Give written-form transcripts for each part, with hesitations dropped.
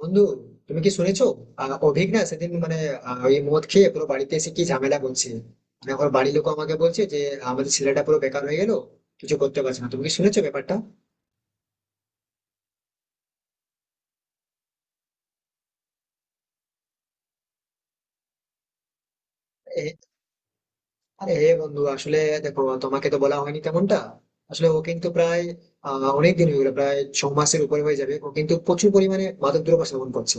বন্ধু, তুমি কি শুনেছো? অভিক না সেদিন মানে ওই মদ খেয়ে পুরো বাড়িতে এসে কি ঝামেলা করছে। মানে ওর বাড়ির লোক আমাকে বলছে যে আমাদের ছেলেটা পুরো বেকার হয়ে গেল, কিছু করতে পারছে না। তুমি কি শুনেছো ব্যাপারটা? আরে বন্ধু, আসলে দেখো, তোমাকে তো বলা হয়নি তেমনটা। আসলে ও কিন্তু প্রায় অনেক দিন হয়ে গেল, প্রায় 6 মাসের উপরে হয়ে যাবে ও কিন্তু প্রচুর পরিমাণে মাদক দ্রব্য সেবন করছে।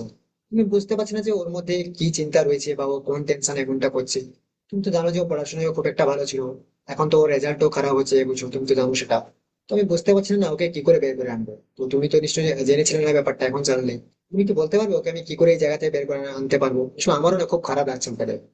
তুমি বুঝতে পারছি না যে ওর মধ্যে কি চিন্তা রয়েছে বা ও কোন টেনশন এখনটা করছে। তুমি তো জানো যে ও পড়াশোনায় ও খুব একটা ভালো ছিল, এখন তো ওর রেজাল্টও খারাপ হচ্ছে, বুঝছো, তুমি তো জানো সেটা। তো আমি বুঝতে পারছি না ওকে কি করে বের করে আনবো। তো তুমি তো নিশ্চয়ই জেনেছিলে না ব্যাপারটা, এখন জানলে তুমি কি বলতে পারবে ওকে আমি কি করে এই জায়গা থেকে বের করে আনতে পারবো? আসলে আমারও না খুব খারাপ লাগছে ওকে দেখে।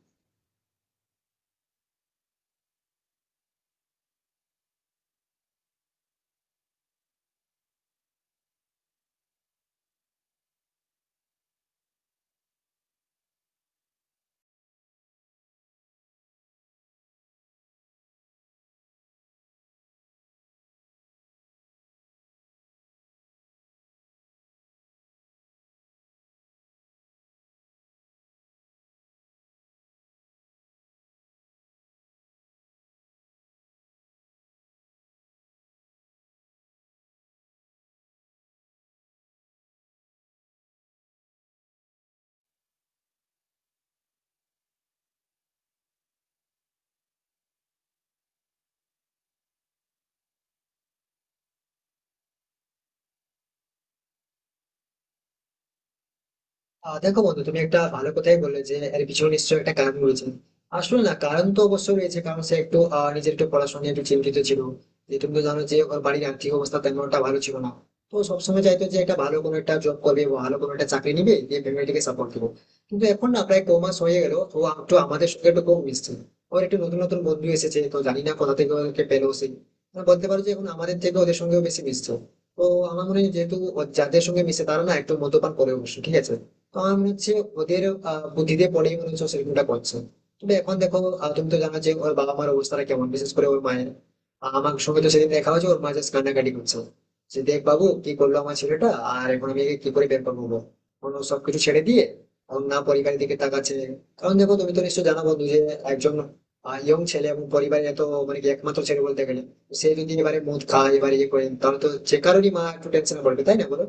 দেখো বন্ধু, তুমি একটা ভালো কথাই বললে যে এর পিছনে নিশ্চয়ই একটা কারণ রয়েছে। আসলে না, কারণ তো অবশ্যই রয়েছে, কারণ সে একটু নিজের একটু পড়াশোনা নিয়ে একটু চিন্তিত ছিল, যে তুমি তো জানো যে ওর বাড়ির আর্থিক অবস্থা তেমন একটা ভালো ছিল না। তো সবসময় চাইতো যে একটা ভালো কোনো একটা জব করবে, ভালো কোনো একটা চাকরি নিবে, দিয়ে ফ্যামিলিকে সাপোর্ট দেবো। কিন্তু এখন না প্রায় ক মাস হয়ে গেল, ও একটু আমাদের সঙ্গে একটু কম মিশছে। ওর একটু নতুন নতুন বন্ধু এসেছে, তো জানি না কোথা থেকে ওকে পেলো সে। মানে বলতে পারো যে এখন আমাদের থেকে ওদের সঙ্গেও বেশি মিশছে। তো আমার মনে হয় যেহেতু ও যাদের সঙ্গে মিশে তারা না একটু মদ্যপান করে, অবশ্য ঠিক আছে। তো আমি হচ্ছে ওদের বুদ্ধিতে পড়েই মনে হচ্ছে ও সেরকমটা করছে। তবে এখন দেখো, তুমি তো জানো যে ওর বাবা মার অবস্থাটা কেমন, বিশেষ করে ওর মায়ের। আমার সঙ্গে তো সেদিন দেখা হয়েছে, ওর মা জাস্ট কান্নাকাটি করছে যে, "দেখ বাবু, কি করলো আমার ছেলেটা, আর এখন আমি একে কি করে বের করবো বল?" অন্য সবকিছু ছেড়ে দিয়ে ওর না পরিবারের দিকে তাকাচ্ছে। কারণ দেখো, তুমি তো নিশ্চয়ই জানো বন্ধু যে একজন ইয়ং ছেলে এবং পরিবারের এত, মানে কি, একমাত্র ছেলে বলতে গেলে। তো সে যদি এবারে মদ খায়, এবারে ইয়ে করে, তাহলে তো যে কারোরই মা একটু টেনশনে পড়বে, তাই না, বলো?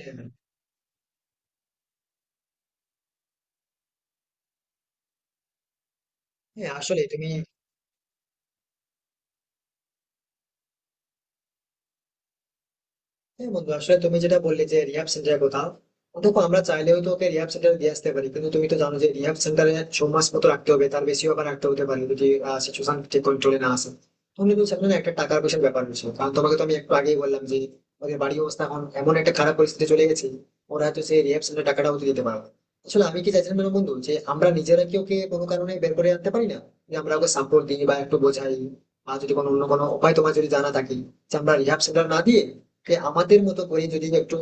হ্যাঁ। হ্যাঁ, আসলে তুমি। হ্যাঁ বন্ধু, আসলে তুমি যেটা বললে যে রিহাব সেন্টারের কথা, দেখো, আমরা চাইলেও তো ওকে রিহাব সেন্টারে দিয়ে আসতে পারি, কিন্তু তুমি তো জানো যে রিহাব সেন্টারে 6 মাস মতো রাখতে হবে, তার বেশিও আবার রাখতে হতে পারে যদি সিচুয়েশন ঠিক কন্ট্রোলে না আসে। তাহলে তো সেখানে না একটা টাকার পয়সার ব্যাপার রয়েছে, কারণ তোমাকে তো আমি একটু আগেই বললাম যে ওদের বাড়ির অবস্থা এখন এমন একটা খারাপ পরিস্থিতি চলে গেছে, ওরা হয়তো সেই রিহাব সেন্টার টাকাটা ওদের দিতে পারবে না। আসলে আমি কি চাইছিলাম জানো বন্ধু, যে আমরা নিজেরা কি ওকে কোনো কারণে বের করে আনতে পারি না, যে আমরা ওকে সাপোর্ট দিই বা একটু বোঝাই। আর যদি কোনো অন্য কোনো উপায় তোমার যদি জানা থাকে, যে আমরা রিহাব সেন্টার না দিয়ে, যে আমাদের মতো করে যদি একটু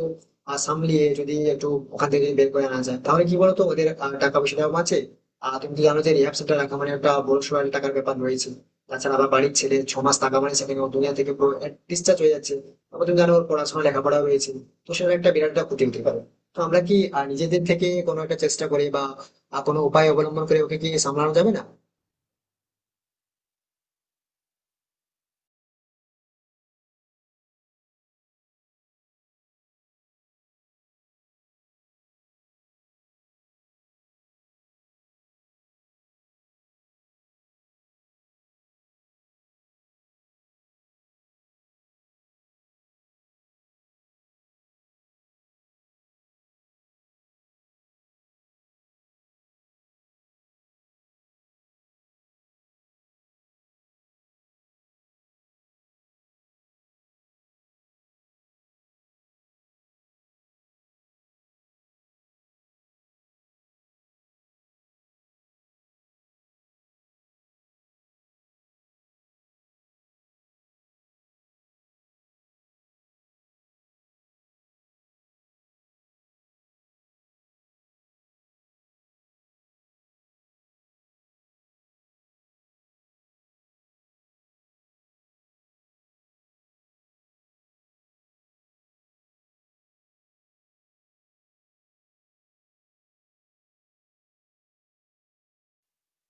সামলিয়ে যদি একটু ওখান থেকে বের করে আনা যায়, তাহলে কি বলতো, ওদের টাকা পয়সাটাও বাঁচে। আর তুমি তো জানো যে রিহাব সেন্টার রাখা মানে একটা বড় সড় একটা টাকার ব্যাপার রয়েছে। তাছাড়া আবার বাড়ির ছেলে 6 মাস থাকা মানে সেখানে ও দুনিয়া থেকে ডিসচার্জ হয়ে যাচ্ছে। আবার তুমি জানো ওর পড়াশোনা লেখাপড়া রয়েছে, তো সেটা একটা বিরাট একটা ক্ষতি হতে পারে। তো আমরা কি নিজেদের থেকে কোনো একটা চেষ্টা করে বা কোনো উপায় অবলম্বন করে ওকে কি সামলানো যাবে না?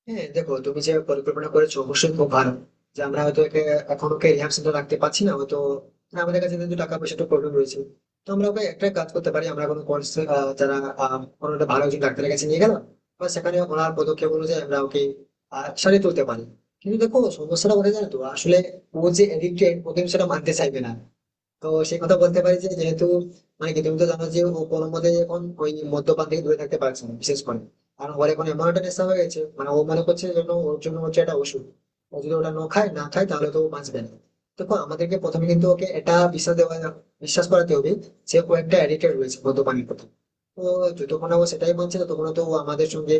হ্যাঁ দেখো, তুমি যে পরিকল্পনা করেছো অবশ্যই খুব ভালো, যে আমরা হয়তো একে এখন ওকে রিহাব সেন্টার রাখতে পারছি না হয়তো, না, আমাদের কাছে যেহেতু টাকা পয়সা একটু প্রবলেম রয়েছে। তো আমরা ওকে একটা কাজ করতে পারি, আমরা কোনো কোর্স, যারা কোনো একটা ভালো একজন ডাক্তারের কাছে নিয়ে গেলাম, বা সেখানে ওনার পদক্ষেপ অনুযায়ী আমরা ওকে সারিয়ে তুলতে পারি। কিন্তু দেখো সমস্যাটা কোথায় জানো তো, আসলে ও যে এডিক্টেড, ও কিন্তু সেটা মানতে চাইবে না। তো সেই কথা বলতে পারি যে যেহেতু, মানে কি, তুমি তো জানো যে ও কোনোমতে এখন ওই মদ্যপান থেকে দূরে থাকতে পারছে না, বিশেষ করে। কারণ ওর এখন এমন একটা নেশা হয়ে গেছে, মানে ও মনে করছে যেন ওর জন্য হচ্ছে একটা ওষুধ। ও যদি ওটা না খায় না খায় তাহলে তো ও বাঁচবে না। দেখো, আমাদেরকে প্রথমে কিন্তু ওকে এটা বিশ্বাস দেওয়া, বিশ্বাস করাতে হবে যে ও একটা অ্যাডিক্টেড রয়েছে মদ্যপানের প্রতি। তো যতক্ষণ না ও সেটাই মানছে, ততক্ষণ তো ও আমাদের সঙ্গে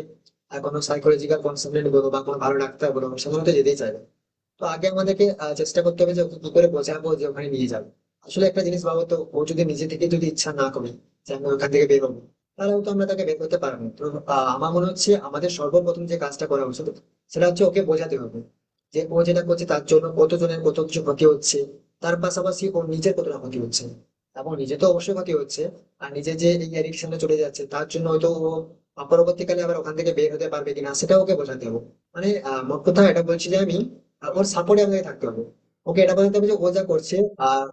কোনো সাইকোলজিক্যাল কনসালটেন্ট বলো বা কোনো ভালো ডাক্তার বলো, সেগুলো তো যেতেই চাইবে। তো আগে আমাদেরকে চেষ্টা করতে হবে যে ওকে কি করে বোঝাবো, যে ওখানে নিয়ে যাবো। আসলে একটা জিনিস ভাবো তো, ও যদি নিজে থেকে যদি ইচ্ছা না করে যে আমি ওখান থেকে বেরোবো, তাহলে তো আমরা তাকে বের করতে পারবো না। তো আমার মনে হচ্ছে আমাদের সর্বপ্রথম যে কাজটা করা উচিত সেটা হচ্ছে ওকে বোঝাতে হবে যে ও যেটা করছে তার জন্য কতজনের কত কিছু ক্ষতি হচ্ছে, তার পাশাপাশি ও নিজের কতটা ক্ষতি হচ্ছে। এবং নিজে তো অবশ্যই ক্ষতি হচ্ছে। আর নিজে যে এই অ্যাডিকশনে চলে যাচ্ছে, তার জন্য হয়তো ও পরবর্তীকালে আবার ওখান থেকে বের হতে পারবে কিনা, সেটা ওকে বোঝাতে হবে। মানে মোট কথা এটা বলছি যে আমি ওর সাপোর্টে আমাকে থাকতে হবে। ওকে এটা বলতে হবে যে ও যা করছে। আহ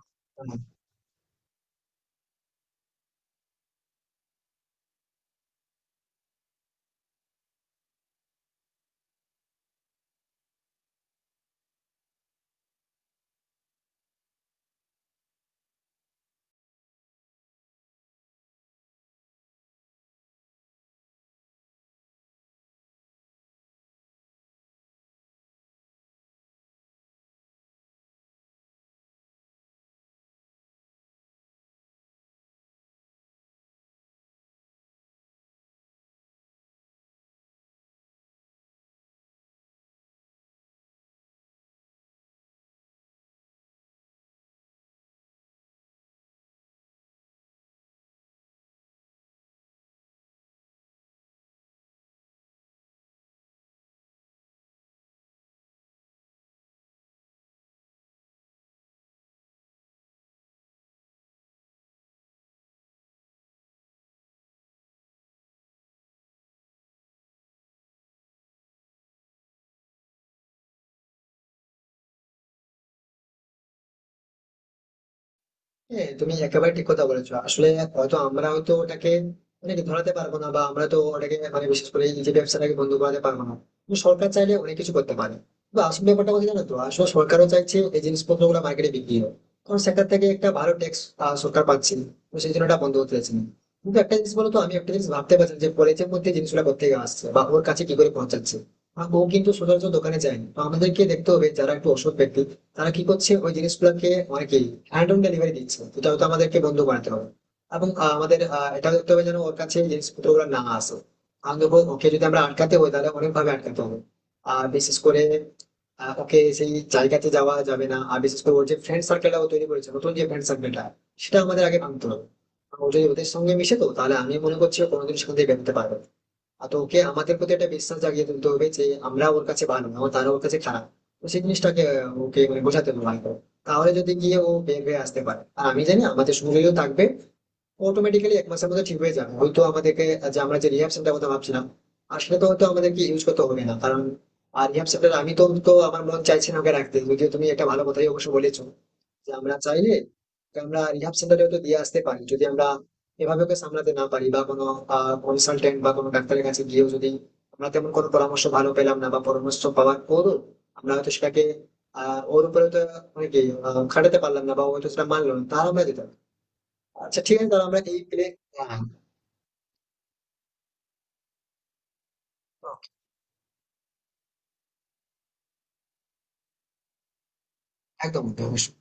হ্যাঁ, তুমি একেবারে ঠিক কথা বলেছো আসলে। হয়তো আমরা হয়তো ওটাকে, মানে কি, ধরাতে পারবো না, বা আমরা তো ওটাকে, মানে, বিশেষ করে এই যে ব্যবসাটাকে বন্ধ করাতে পারবো না। কিন্তু সরকার চাইলে অনেক কিছু করতে পারে। বা আসল ব্যাপারটা, কথা জানো তো আসলে, সরকারও চাইছে এই জিনিসপত্র গুলো মার্কেটে বিক্রি হোক, কারণ সেখান থেকে একটা ভালো ট্যাক্স সরকার পাচ্ছে। তো সেই জন্য ওটা বন্ধ করতে চাইছে না। কিন্তু একটা জিনিস বলো তো, আমি একটা জিনিস ভাবতে পারছি না যে কলেজের মধ্যে জিনিসগুলো কোথা থেকে আসছে বা ওর কাছে কি করে পৌঁছাচ্ছে। আর ও কিন্তু সচরাচর দোকানে যায়নি, তো আমাদেরকে দেখতে হবে যারা একটু অসৎ ব্যক্তি, তারা কি করছে ওই জিনিসগুলোকে, অনেকেই হ্যান্ড অন ডেলিভারি দিচ্ছে। তো এটা তো আমাদেরকে বন্ধ বানাতে হবে। এবং আমাদের এটাও দেখতে হবে যেন ওর কাছে এই জিনিসপত্রগুলো না আসে। আমি দেখবো, ওকে যদি আমরা আটকাতে হয় তাহলে অনেকভাবে আটকাতে হবে। আর বিশেষ করে ওকে সেই জায়গাতে যাওয়া যাবে না। আর বিশেষ করে ওর যে ফ্রেন্ড সার্কেলটা ও তৈরি করেছে, নতুন যে ফ্রেন্ড সার্কেলটা, সেটা আমাদের আগে ভাঙতে হবে। ও যদি ওদের সঙ্গে মিশে তো তাহলে আমি মনে করছি ও কোনোদিন সেখান থেকে বেরোতে পারবে না। আর তো ওকে আমাদের প্রতি একটা বিশ্বাস জাগিয়ে তুলতে হবে যে আমরা ওর কাছে ভালো, না তারা ওর কাছে খারাপ। তো সেই জিনিসটাকে ওকে মানে বোঝাতে হবে ভালো করে। তাহলে যদি গিয়ে ও বের হয়ে আসতে পারে, আর আমি জানি আমাদের সুযোগও থাকবে, অটোমেটিক্যালি এক মাসের মধ্যে ঠিক হয়ে যাবে হয়তো। আমাদেরকে যে আমরা যে রিহ্যাব সেন্টার কথা ভাবছিলাম, আর সেটা তো হয়তো আমাদেরকে ইউজ করতে হবে না কারণ, আর রিহ্যাব সেন্টার, আমি তো তো আমার মন চাইছে না ওকে রাখতে, যদিও তুমি একটা ভালো কথাই অবশ্য বলেছো যে আমরা চাইলে ওকে আমরা রিহাব সেন্টারেও তো দিয়ে আসতে পারি, যদি আমরা এভাবে ওকে সামলাতে না পারি, বা কোনো কনসালটেন্ট বা কোনো ডাক্তারের কাছে গিয়েও যদি আমরা তেমন কোনো পরামর্শ ভালো পেলাম না, বা পরামর্শ পাওয়ার পরও আমরা হয়তো সেটাকে ওর উপরে তো, মানে কি, খাটাতে পারলাম না, বা ও হয়তো সেটা মানলো না, তাহলে আমরা দিতাম। আচ্ছা, ঠিক আছে, তাহলে আমরা এই প্লে... একদম। একদম, অবশ্যই।